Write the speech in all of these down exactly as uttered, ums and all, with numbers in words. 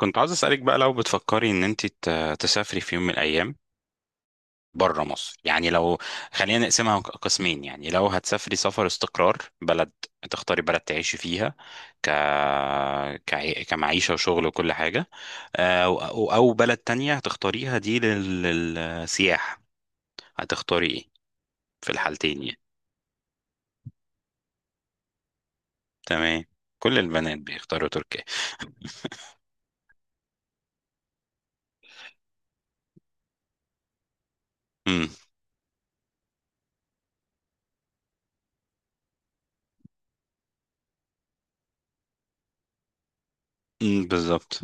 كنت عاوز أسألك بقى لو بتفكري إن أنت ت- تسافري في يوم من الأيام بره مصر. يعني لو، خلينا نقسمها ق- قسمين. يعني لو هتسافري سفر استقرار بلد، تختاري بلد تعيشي فيها ك... كعي... كمعيشة وشغل وكل حاجة، آه، أو أو أو بلد تانية هتختاريها دي لل... للسياحة، هتختاري إيه في الحالتين؟ يعني تمام. كل البنات بيختاروا تركيا. امم أمم، بالظبط.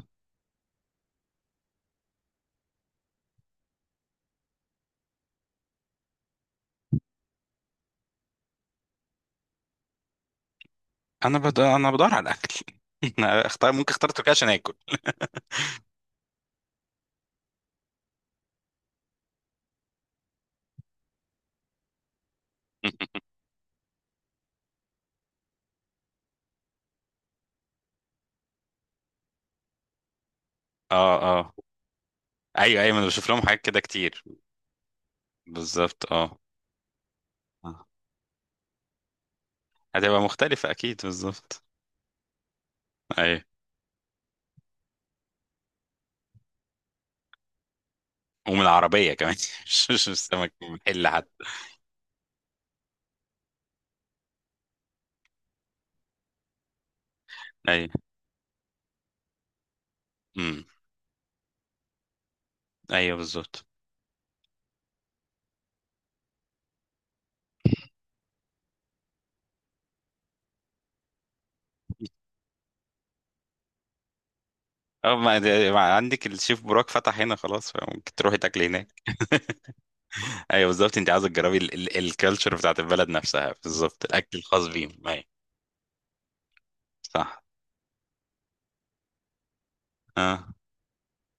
أنا بد... أنا بدور على الأكل أنا اختار ممكن اختار تركيا عشان آكل اه اه، ايوه ايوه انا بشوف لهم حاجات كده كتير، بالظبط اه. آه. هتبقى مختلفة اكيد، بالظبط. ايوه، ومن العربية كمان مش مش السمك من محل حتى. ايوه. امم ايوه بالظبط اه. ما ده- ما عندك الشيف براك فتح هنا خلاص، فممكن تروحي تاكلي هناك ايوه بالظبط، انت عاوزه تجربي الكالتشر بتاعت البلد نفسها، بالظبط الاكل الخاص بيهم. ايوه صح اه،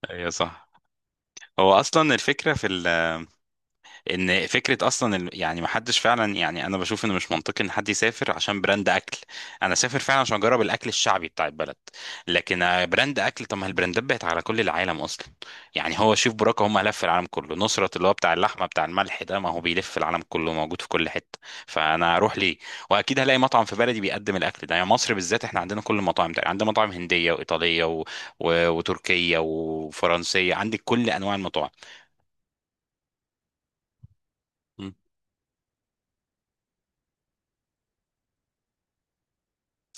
ايوه صح. هو اصلا الفكره في ال، ان فكره اصلا ال- يعني ما حدش فعلا، يعني انا بشوف ان مش منطقي ان حد يسافر عشان براند اكل. انا سافر فعلا عشان اجرب الاكل الشعبي بتاع البلد. لكن آه، براند اكل، طب ما البراندات بقت على كل العالم اصلا. يعني هو شيف براكه هم لف العالم كله، نصرت اللي هو بتاع اللحمه بتاع الملح ده ما هو بيلف العالم كله، موجود في كل حته. فانا اروح ليه؟ واكيد هلاقي مطعم في بلدي بيقدم الاكل ده. يعني مصر بالذات احنا عندنا كل المطاعم ده، عندنا مطاعم هنديه وايطاليه و... و... وتركيه وفرنسيه، عندك كل انواع المطاعم. م.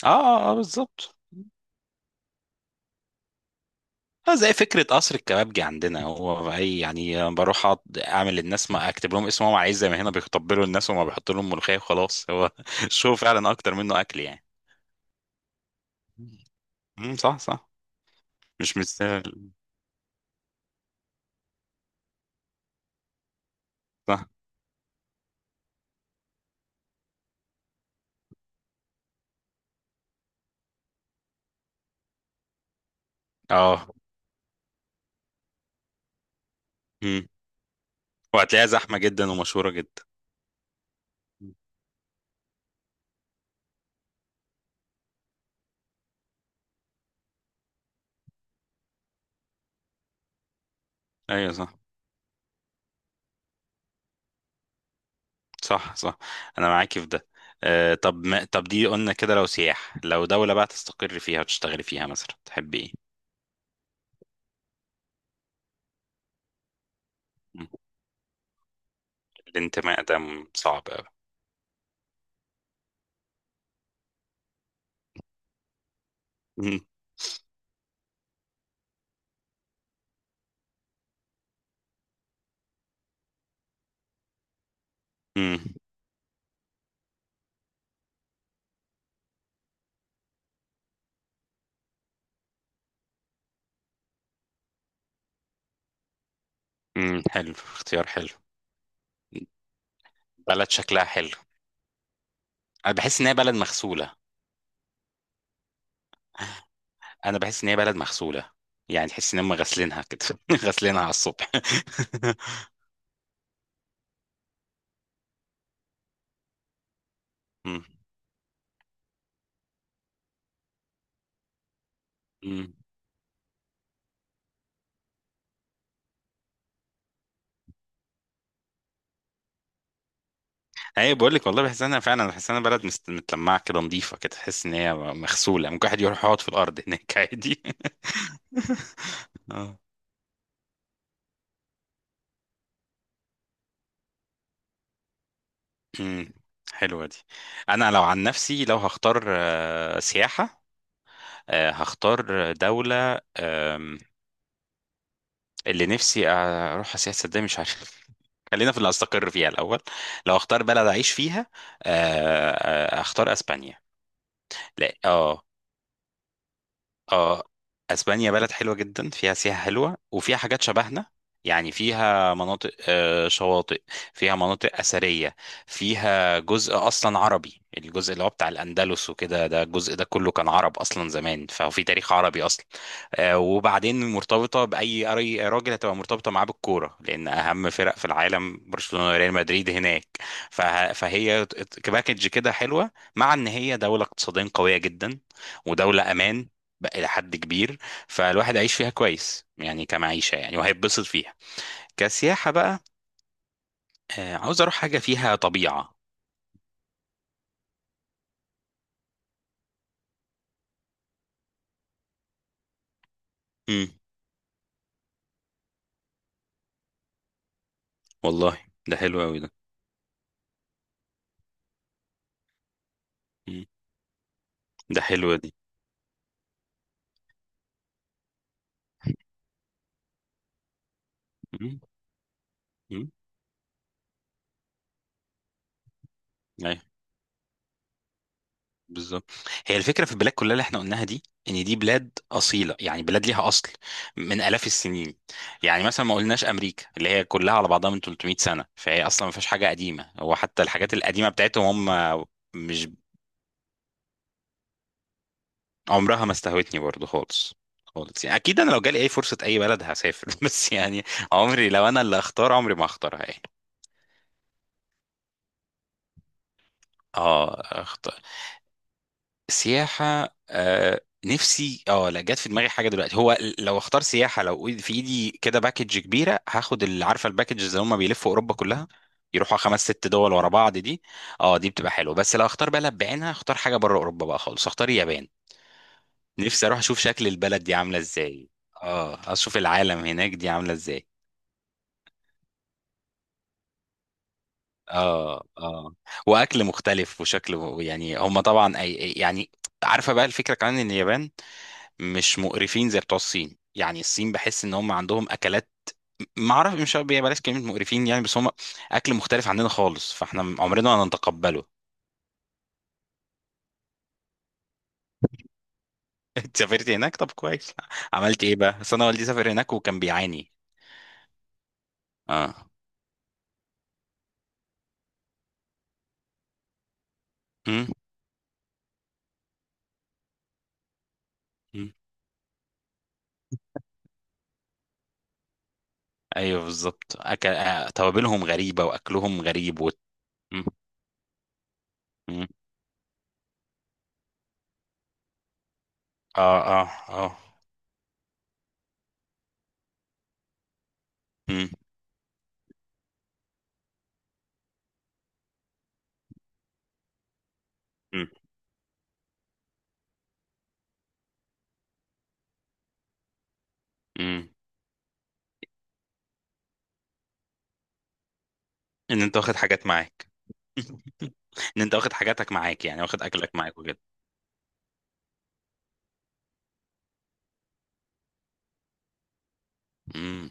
اه اه، آه، بالظبط. اه زي فكرة قصر الكبابجي عندنا، هو أي يعني بروح أقعد أعمل للناس ما أكتب لهم اسمهم عايز، زي ما هنا بيتقبلوا الناس وما بيحط لهم ملوخية وخلاص. هو الشو فعلا أكتر منه أكل يعني. امم صح صح، مش مستاهل. صح. اه. امم وهتلاقيها زحمة جدا ومشهورة جدا. أيوة صح صح صح، أنا معاكي في ده. آه طب ما طب دي قلنا كده لو سياح، لو دولة بقى تستقر فيها وتشتغلي فيها مثلا تحبي إيه؟ مم. الانتماء ده م- صعب أوي. مم. مم. امم، حلو، اختيار حلو، بلد شكلها حلو. انا بحس ان هي بلد مغسوله، انا بحس ان هي بلد مغسوله. يعني تحس ان هم غاسلينها كده غاسلينها على الصبح امم امم. اي بقول لك والله بحس انها فعلا، بحس انها بلد مست- متلمعه كده، نظيفه كده، تحس ان هي مغسوله. ممكن واحد يروح يقعد في الارض هناك عادي اه. امم حلوه دي. انا لو عن نفسي لو هختار آه، سياحه، آه، هختار دولة اللي نفسي اروح سياحه، صدق مش عارف خلينا في اللي هستقر فيها الاول. لو اختار بلد اعيش فيها، آه، آه، اختار اسبانيا. لا اه اه، اسبانيا بلد حلوه جدا، فيها سياحه حلوه وفيها حاجات شبهنا. يعني فيها مناطق آه، شواطئ، فيها مناطق اثريه، فيها جزء اصلا عربي، الجزء اللي هو بتاع الاندلس وكده، ده الجزء ده كله كان عرب اصلا زمان، ففي تاريخ عربي اصلا. آه، وبعدين مرتبطه باي أي راجل هتبقى مرتبطه معاه بالكوره، لان اهم فرق في العالم برشلونه وريال مدريد هناك. فه- فهي ت- ت- كباكج كده حلوه، مع ان هي دوله اقتصاديا قويه جدا ودولة أمان بقى إلى حد كبير. فالواحد هيعيش فيها كويس يعني، كمعيشة يعني، وهيتبسط فيها كسياحة بقى. آه، عاوز أروح حاجة فيها طبيعة. مم. والله، ده حلو أوي ده. مم. ده حلو دي. مم. مم. أيوه بالظبط. هي الفكرة في البلاد كلها اللي احنا قلناها دي، إن دي بلاد أصيلة، يعني بلاد ليها أصل من آلاف السنين. يعني مثلا ما قلناش أمريكا اللي هي كلها على بعضها من تلتمية سنة، فهي أصلا ما فيهاش حاجة قديمة، هو حتى الحاجات القديمة بتاعتهم هم. مش عمرها ما استهوتني برضو خالص خالص. يعني اكيد انا لو جالي اي فرصه، اي بلد هسافر بس يعني عمري، لو انا اللي اختار عمري ما اختارها يعني. اه اختار سياحه، آه نفسي اه، لا جت في دماغي حاجه دلوقتي. هو لو اختار سياحه، لو إيد- في ايدي كده باكج كبيره هاخد، اللي عارفه الباكج اللي هم بيلفوا اوروبا كلها، يروحوا خمس ست دول ورا بعض دي. اه دي بتبقى حلوه. بس لو اختار بلد بعينها، اختار حاجه بره اوروبا بقى خالص، اختار اليابان. نفسي اروح اشوف شكل البلد دي عامله ازاي، اه اشوف العالم هناك دي عامله ازاي. اه اه، واكل مختلف وشكل و- يعني هم طبعا أي يعني. عارفه بقى الفكره كمان ان اليابان مش مقرفين زي بتوع الصين. يعني الصين بحس ان هم عندهم اكلات، ما اعرف، مش عارف- بلاش كلمه مقرفين يعني، بس هم اكل مختلف عننا خالص، فاحنا عمرنا ما هنتقبله. انت سافرت هناك؟ طب كويس، عملت ايه بقى؟ بس انا والدي سافر هناك وكان بيعاني. اه. مم. مم. ايوه بالظبط، أكل... آه، توابلهم غريبه واكلهم غريب و... مم. مم. اه اه اه. مم. امم، ان انت واخد حاجات معاك ان انت واخد حاجاتك معاك، يعني واخد اكلك معاك وكده. امم.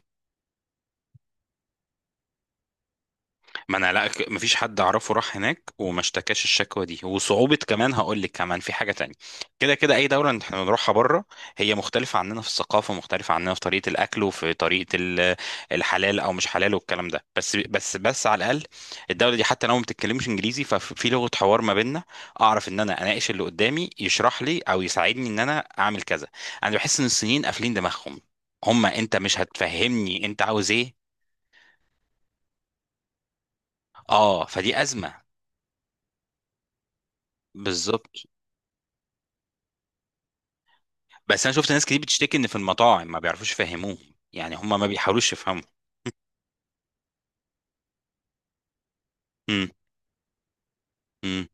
ما انا، لا، ك- مفيش حد اعرفه راح هناك وما اشتكاش الشكوى دي، وصعوبة كمان هقول لك كمان في حاجة تانية. كده كده اي دولة احنا بنروحها بره هي مختلفة عننا في الثقافة، مختلفة عننا في طريقة الاكل وفي طريقة ال- الحلال او مش حلال والكلام ده. بس بس بس على الاقل الدولة دي حتى لو ما بتتكلمش انجليزي، ففي لغة حوار ما بيننا، اعرف ان انا اناقش اللي قدامي يشرح لي او يساعدني ان انا اعمل كذا. انا بحس ان الصينيين قافلين دماغهم، هما انت مش هتفهمني انت عاوز ايه. اه فدي ازمة. بالظبط. بس انا شفت ناس كتير بتشتكي ان في المطاعم ما بيعرفوش يفهموه، يعني هم ما بيحاولوش يفهموا. امم امم.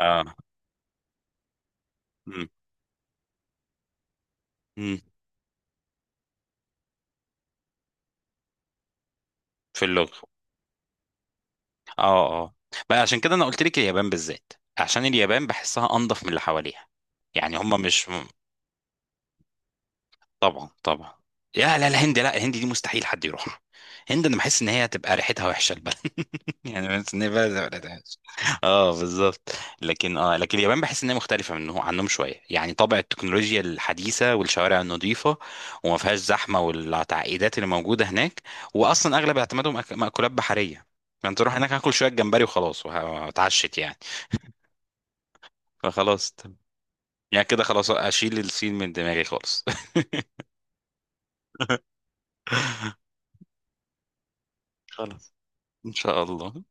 اه. امم امم في اللغه. اه اه. بقى عشان كده انا قلت لك اليابان بالذات، عشان اليابان بحسها انضف من اللي حواليها. يعني هم مش، طبعا طبعا. يا لا الهند، لا الهند دي مستحيل حد يروح. الهند انا بحس ان هي هتبقى ريحتها وحشه البلد يعني بحس ان هي بلد هتبقى ريحتها وحشة. اه بالظبط. لكن اه، لكن اليابان بحس ان هي مختلفه منهم عنهم شويه، يعني طابع التكنولوجيا الحديثه والشوارع النظيفه، وما فيهاش زحمه والتعقيدات اللي موجوده هناك. واصلا اغلب اعتمادهم أك- مأكولات بحريه، فانت تروح هناك هاكل شويه جمبري وخلاص وهتعشت يعني. فخلاص، يعني كده خلاص اشيل الصين من دماغي خالص خلاص ان شاء الله.